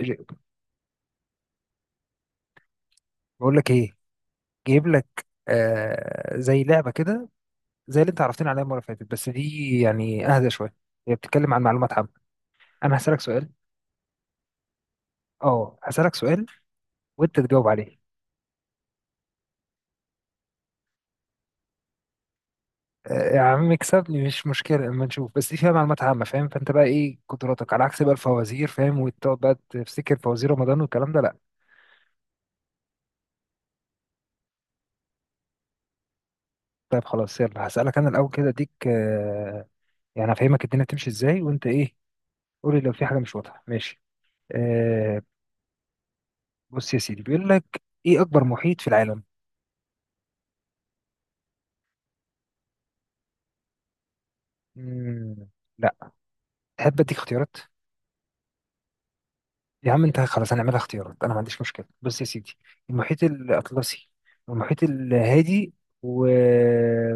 ج- بقول لك ايه، جايب لك آه زي لعبه كده، زي اللي انت عرفتني عليها المره اللي فاتت، بس دي يعني اهدى شويه. هي بتتكلم عن معلومات عامه. انا هسالك سؤال. اه، هسالك سؤال وانت تجاوب عليه. آه يا عم اكسبني مش مشكله، اما نشوف. بس دي فيها معلومات عامه، فاهم؟ فانت بقى ايه قدراتك، على عكس بقى الفوازير فاهم، وتقعد بقى تفتكر فوازير رمضان والكلام ده، لا. طيب خلاص يلا هسالك انا الاول كده، اديك يعني هفهمك الدنيا تمشي ازاي وانت ايه. قولي لو في حاجه مش واضحه. ماشي. آه بص يا سيدي، بيقول لك ايه، اكبر محيط في العالم؟ مم. لا. تحب اديك اختيارات؟ يا عم انت خلاص هنعملها اختيارات، انا ما عنديش مشكله. بص يا سيدي، المحيط الاطلسي، والمحيط الهادي و...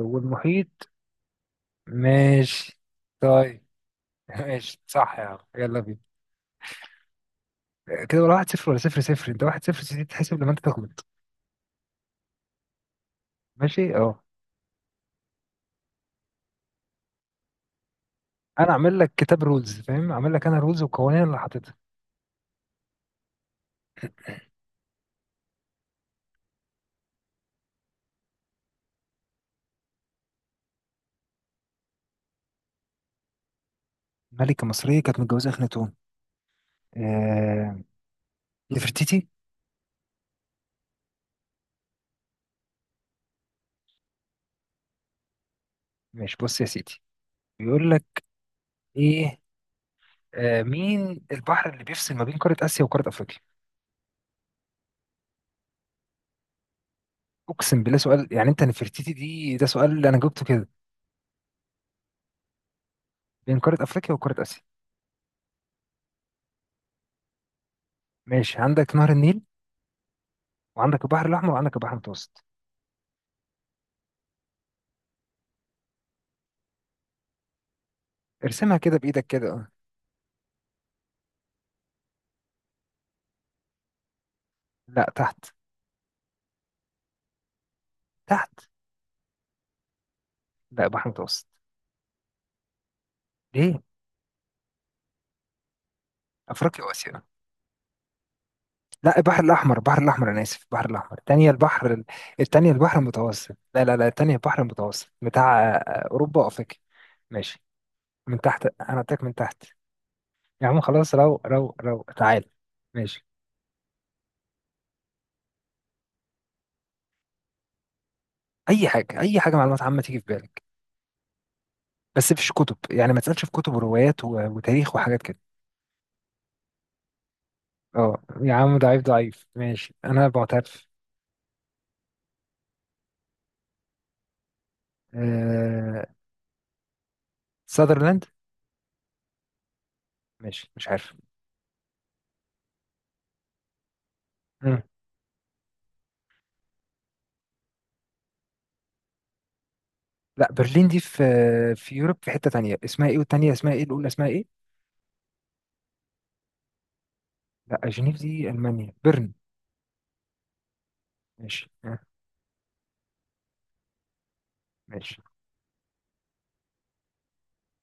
والمحيط. ماشي. طيب. ماشي، صح يا عم، يلا بينا. كده ولا واحد صفر ولا صفر صفر؟ انت واحد صفر سيدي، تحسب لما انت تغلط. ماشي اه. انا اعمل لك كتاب رولز فاهم، اعمل لك انا رولز، والقوانين اللي حاططها. ملكه مصريه كانت متجوزه اخناتون؟ آه... نفرتيتي. ماشي بص يا سيدي، بيقول لك ايه. آه، مين البحر اللي بيفصل ما بين قاره اسيا وقاره افريقيا؟ اقسم بالله سؤال، يعني انت نفرتيتي دي ده سؤال اللي انا جبته كده؟ بين قاره افريقيا وقاره اسيا. ماشي، عندك نهر النيل، وعندك البحر الاحمر، وعندك البحر المتوسط. ارسمها كده بايدك كده اه. لا تحت، تحت. لا بحر متوسط. ليه؟ افريقيا واسيا. لا البحر الاحمر، البحر الاحمر انا اسف، البحر الاحمر الثانيه، البحر الثانيه البحر المتوسط. لا لا لا، الثانيه البحر المتوسط بتاع اوروبا وافريقيا. ماشي، من تحت، انا اتاك من تحت. يا عم خلاص، رو رو رو تعال. ماشي، اي حاجه، اي حاجه معلومات عامه تيجي في بالك. بس مفيش كتب، يعني ما تسالش في كتب وروايات وتاريخ وحاجات كده. اه يا عم ضعيف ضعيف، ماشي انا معترف. آه... ساذرلاند. ماشي مش عارف. مم. لا برلين دي في يوروب في حته تانية اسمها ايه، والتانية اسمها ايه، الاولى اسمها ايه. لا جنيف دي المانيا، بيرن. ماشي ماشي.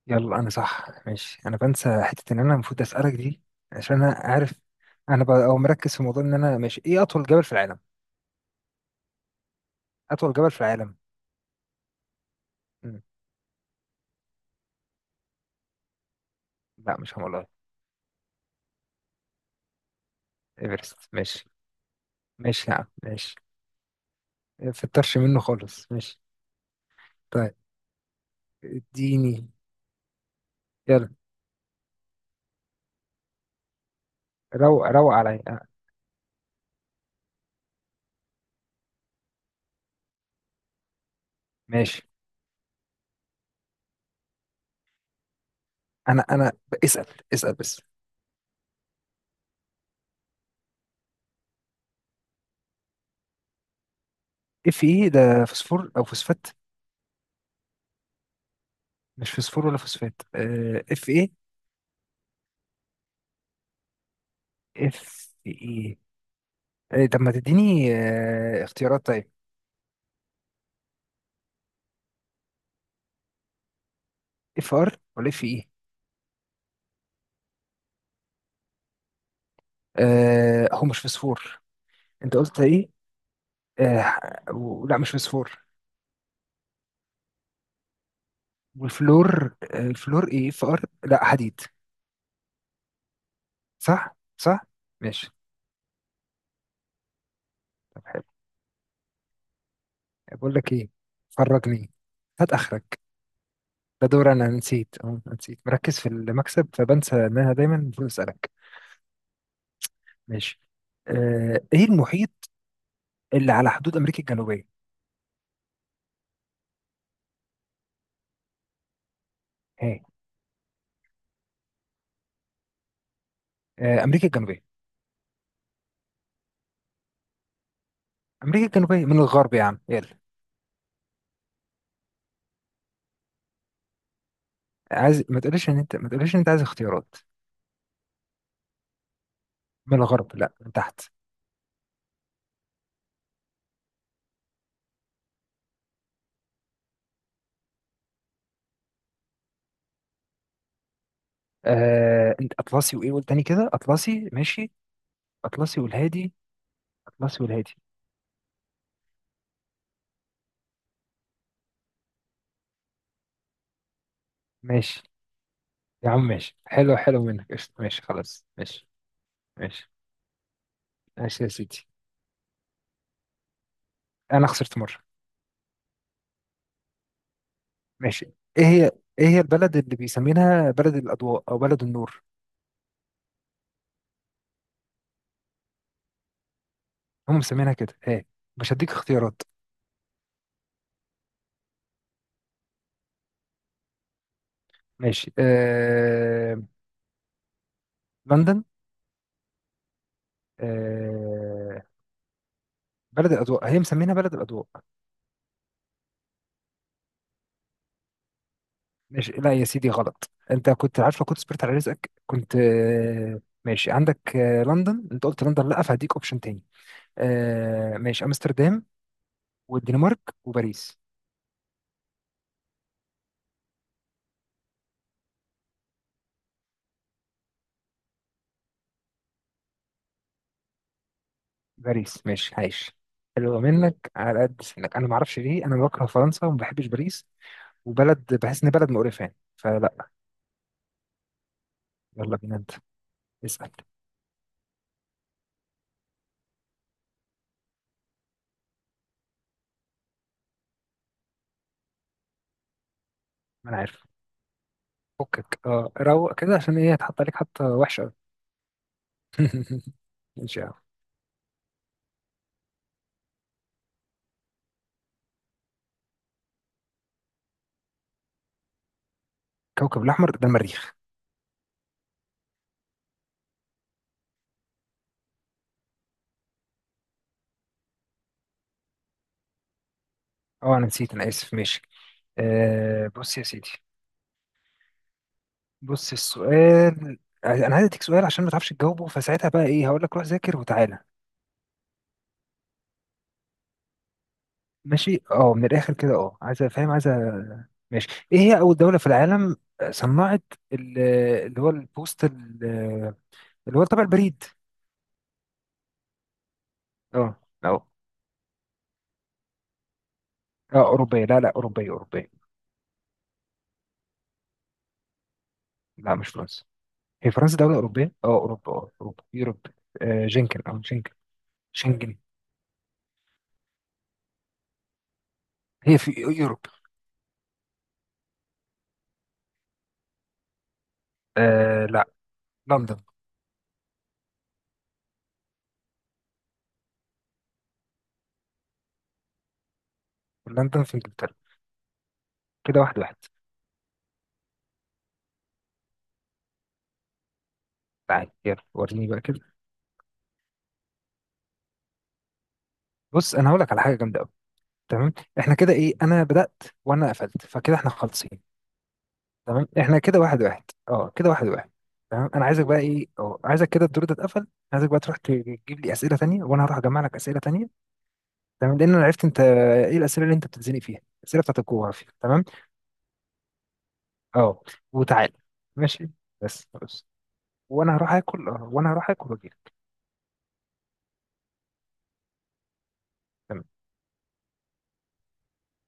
يلا انا صح ماشي، انا بنسى حته ان انا المفروض اسالك دي. عشان انا عارف، انا بقى او مركز في موضوع ان انا ماشي. ايه اطول جبل في العالم؟ اطول جبل في العالم. مم. لا مش هقول. ايفرست؟ ماشي ماشي يا عم ماشي، ما فطرش منه خالص، ماشي. طيب، اديني، يلا. روق روق عليا ماشي. انا اسال اسال بس. اف ايه ده، فوسفور او فوسفات؟ مش فوسفور ولا فوسفات؟ اف ايه، اف ايه؟ إيه، طب ما تديني اختيارات، طيب. اف ار ولا اف اي؟ آه هو مش فسفور؟ انت قلت ايه؟ لا مش فسفور. والفلور، آه الفلور ايه، اف ار، لا حديد. صح صح ماشي. طب حلو. بقول لك ايه، فرجني، هات اخرك. ده دور انا نسيت، اه أنا نسيت مركز في المكسب، فبنسى ان انا دايما المفروض اسالك. ماشي. آه ايه المحيط اللي على حدود امريكا الجنوبيه؟ هي. آه امريكا الجنوبيه. امريكا الجنوبيه من الغرب يا عم، يلا. عايز ما تقوليش ان انت، ما تقوليش ان انت عايز اختيارات. من الغرب، لا من تحت. آه انت اطلسي وايه قلت تاني كده، اطلسي ماشي. اطلسي والهادي. اطلسي والهادي. ماشي يا عم ماشي، حلو حلو منك قشطة، ماشي خلاص ماشي. ماشي ماشي يا سيدي، انا خسرت مرة. ماشي. ايه هي، ايه هي البلد اللي بيسمينها بلد الاضواء او بلد النور؟ هم مسمينها كده ايه. مش هديك اختيارات. ماشي لندن. آه... بلد الاضواء، هي مسمينها بلد الاضواء. ماشي لا يا سيدي غلط، انت كنت عارف، لو كنت صبرت على رزقك كنت ماشي عندك لندن، انت قلت لندن لا، فهديك اوبشن تاني. ماشي، امستردام، والدنمارك، وباريس. باريس؟ ماشي عايش. حلو منك على قد سنك. انا ما اعرفش ليه، انا بكره فرنسا وما بحبش باريس، وبلد بحس ان بلد مقرفه يعني فلا. يلا بينا انت، اسال. ما انا عارف. فكك اه، روق كده عشان ايه هتحط عليك حتى وحشه أوي. ماشي يا عم. كوكب الاحمر ده المريخ. اه انا نسيت، انا اسف. ماشي. آه بص يا سيدي، بص السؤال. انا عايز اديك سؤال عشان ما تعرفش تجاوبه، فساعتها بقى ايه، هقول لك روح ذاكر وتعالى. ماشي، اه من الاخر كده اه، عايز فاهم، عايز ماشي. ايه هي اول دوله في العالم صنعت ال- اللي هو البوست اللي هو الطابع البريد؟ اه. اه. اه اوروبيه، لا لا اوروبيه اوروبيه. لا مش فرنسا، هي فرنسا دوله اوروبيه اه، اوروبا اه، اوروبا يوروب. آه جنكن اه جنكن شنجن. هي في يوروب. آه لا، لندن. ولا انت في انجلترا. كده واحد واحد. تعال يلا، وريني بقى كده. بص، انا هقول لك على حاجه جامده قوي. تمام، احنا كده ايه، انا بدات وانا قفلت فكده احنا خالصين. تمام، احنا كده واحد واحد، اه كده واحد واحد. تمام، انا عايزك بقى ايه، اه عايزك كده الدور ده اتقفل. عايزك بقى تروح تجيب لي اسئله تانية، وانا هروح اجمع لك اسئله تانية. تمام، لان انا عرفت انت ايه الاسئله اللي انت بتتزنق فيها، الاسئله بتاعت الجغرافيا. تمام اه. وتعال. ماشي بس خلاص. وانا هروح اكل، اه وانا هروح اكل واجي.